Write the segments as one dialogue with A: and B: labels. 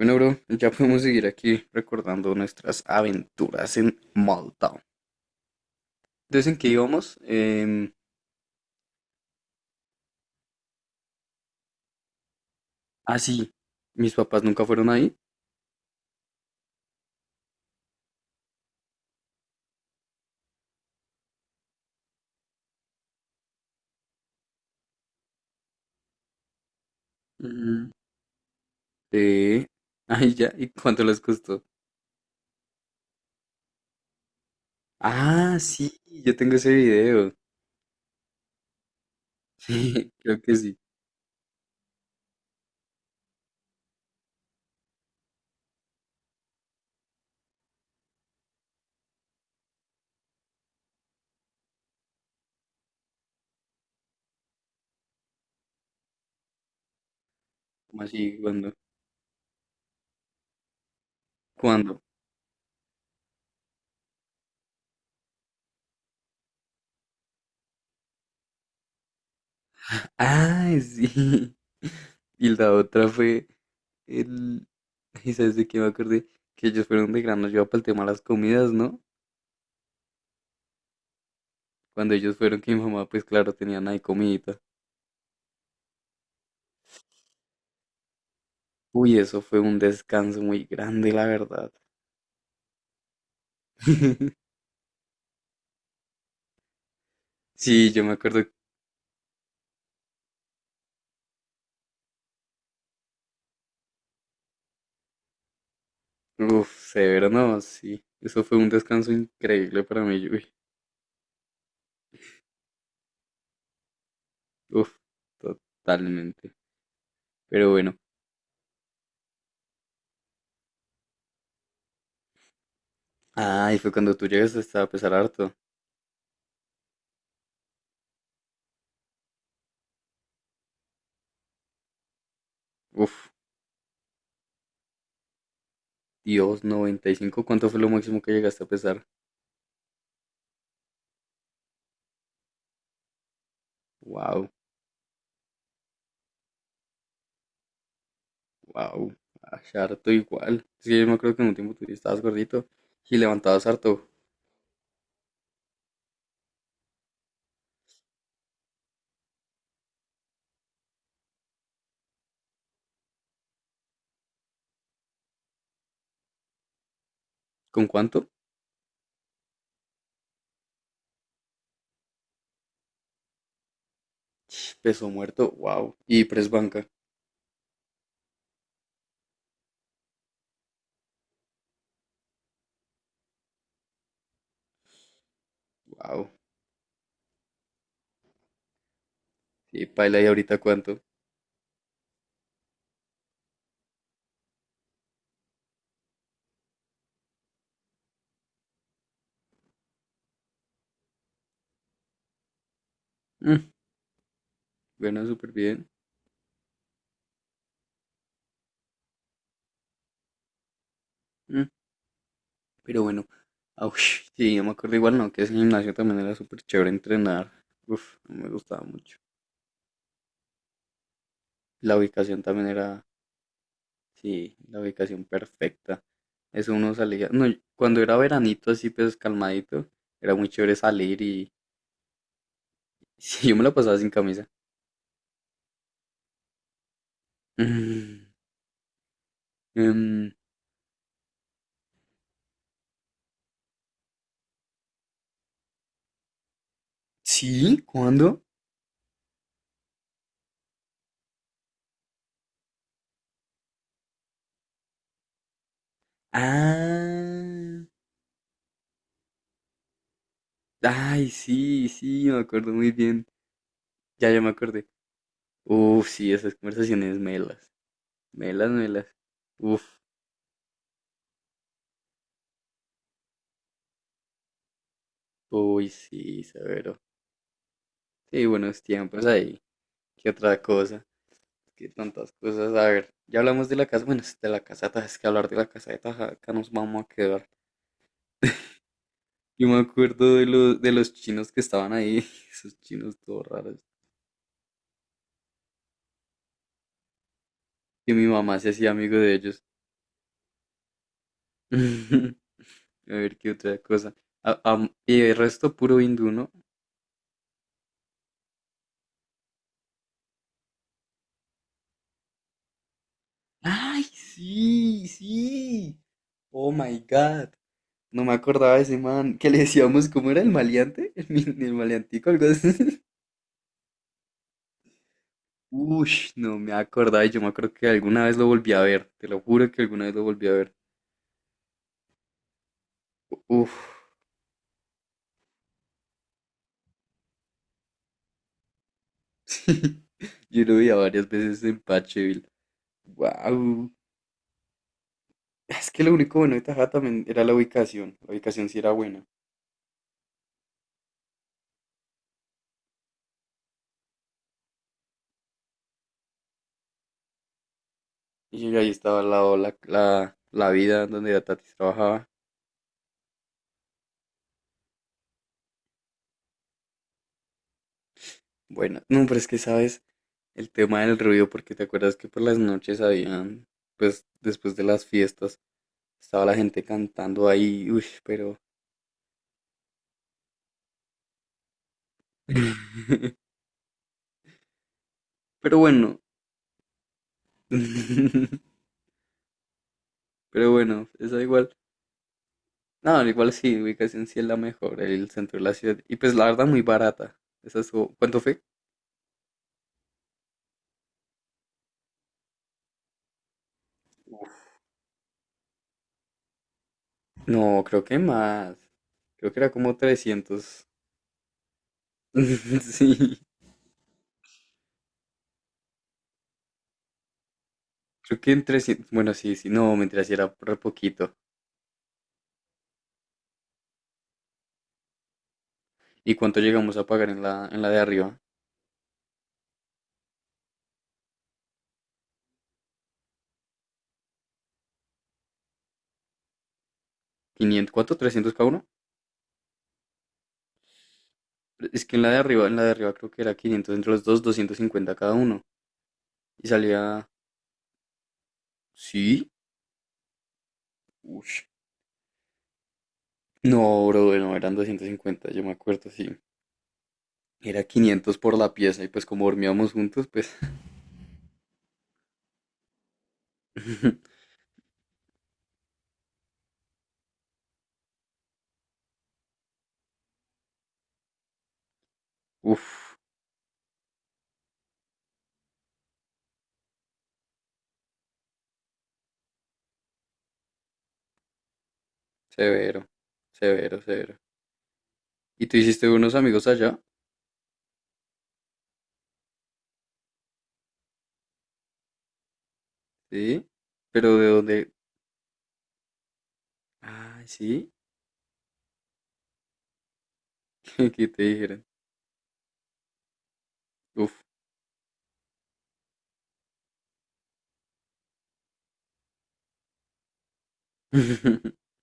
A: Bueno, bro, ya podemos seguir aquí recordando nuestras aventuras en Malta. Entonces, ¿en qué íbamos? Ah, sí, mis papás nunca fueron ahí. Ujú. Eh, ay, ya, ¿y cuánto les costó? Ah, sí, yo tengo ese video. Sí, creo que sí. ¿Cómo así? ¿Cuándo? ¿Cuándo? Ah, sí. Y la otra fue el... ¿Y sabes de qué me acordé? Que ellos fueron de gran nos para el tema de las comidas, ¿no? Cuando ellos fueron que mi mamá, pues claro, tenían ahí comidita. Uy, eso fue un descanso muy grande, la verdad. Sí, yo me acuerdo, uf, severo, no, sí. Eso fue un descanso increíble para mí, uy, uf, totalmente. Pero bueno, ah, y fue cuando tú llegaste hasta a pesar harto. Uf, Dios, 95, ¿cuánto fue lo máximo que llegaste a pesar? Wow, wow, harto igual. Es que yo me acuerdo que en un tiempo tú estabas gordito y levantabas harto. ¿Con cuánto? Peso muerto, wow. Y press banca, wow. Y Paila, ¿y ahorita cuánto? Mm, bueno, súper bien. Mm, pero bueno, au, sí, yo me acuerdo igual, no, que ese gimnasio también era súper chévere entrenar. Uf, no me gustaba mucho. La ubicación también era, sí, la ubicación perfecta. Eso uno salía, no, y cuando era veranito así, pues calmadito, era muy chévere salir y sí, yo me la pasaba sin camisa. Mm, em, sí, ¿cuándo? Ah. Ay, sí, sí, me acuerdo muy bien. Ya, ya me acordé. Uf, sí, esas conversaciones melas. Melas, melas. Uf, uy, sí, severo. Sí, buenos tiempos ahí. ¿Qué otra cosa? Qué tantas cosas. A ver, ya hablamos de la casa. Bueno, es de la casa de Taja, es que hablar de la casa de Taja, acá nos vamos a quedar. Yo me acuerdo de los chinos que estaban ahí. Esos chinos todos raros. Que mi mamá se hacía amigo de ellos. A ver, qué otra cosa. Y el resto puro hindú, ¿no? Ay, sí, sí. Oh my God. No me acordaba de ese man. Que le decíamos, ¿cómo era el maleante? El maleantico, algo así. Ush, no me acordaba. Y Yo me acuerdo que alguna vez lo volví a ver. Te lo juro que alguna vez lo volví a ver. Uf, sí. Yo lo veía varias veces en Pacheville. Wow. Es que lo único bueno de Tajada también era la ubicación. La ubicación sí era buena. Y ahí estaba al lado la vida donde la Tatis trabajaba. Bueno, no, pero es que sabes. El tema del ruido, porque te acuerdas que por las noches habían, pues después de las fiestas, estaba la gente cantando ahí, uy, pero... Pero bueno, pero bueno, esa igual. No, igual sí, ubicación sí es la mejor, el centro de la ciudad. Y pues la verdad muy barata. Esa estuvo- ¿Cuánto fue? No, creo que más. Creo que era como 300. Sí, creo que en 300. Bueno, sí, sí, no, mentira, sí era re poquito. ¿Y cuánto llegamos a pagar en la de arriba? Quinientos, ¿cuánto? ¿300 cada uno? Es que en la de arriba, en la de arriba creo que era 500 entre los dos, 250 cada uno. Y salía, ¿sí? Ush. No, bro, no, eran 250, yo me acuerdo, sí. Era quinientos por la pieza y pues como dormíamos juntos, pues... Uf, severo, severo, severo. ¿Y tú hiciste unos amigos allá? Sí, pero ¿de dónde? Ah, sí, ¿qué te dijeron? Uf.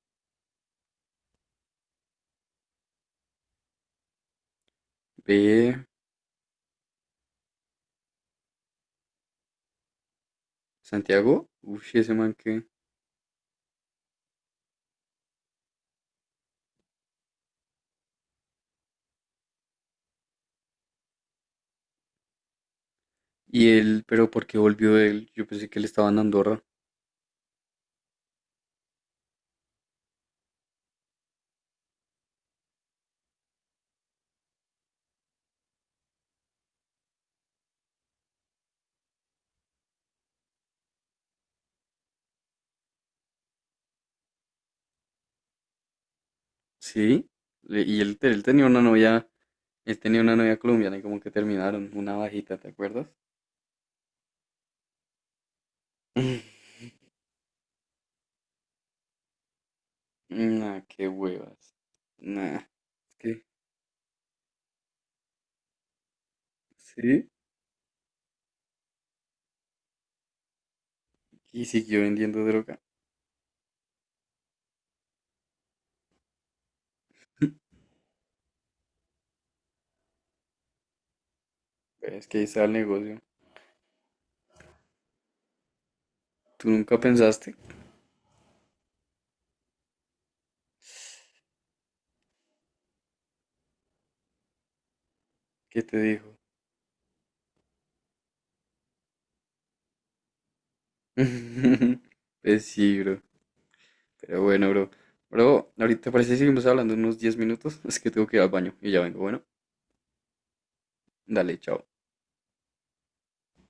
A: Ve, Santiago, uff, ese man que... Y él, pero ¿por qué volvió él? Yo pensé que él estaba en Andorra. Sí. Y él tenía una novia, él tenía una novia colombiana y como que terminaron, una bajita, ¿te acuerdas? Nah, qué huevas. Nah, es que, sí. Y siguió vendiendo droga. Es que ahí está el negocio. ¿Tú nunca pensaste? ¿Qué te dijo? Pues sí, bro. Pero bueno, bro. Bro, ahorita parece que seguimos hablando unos 10 minutos. Es que tengo que ir al baño y ya vengo. Bueno, dale, chao.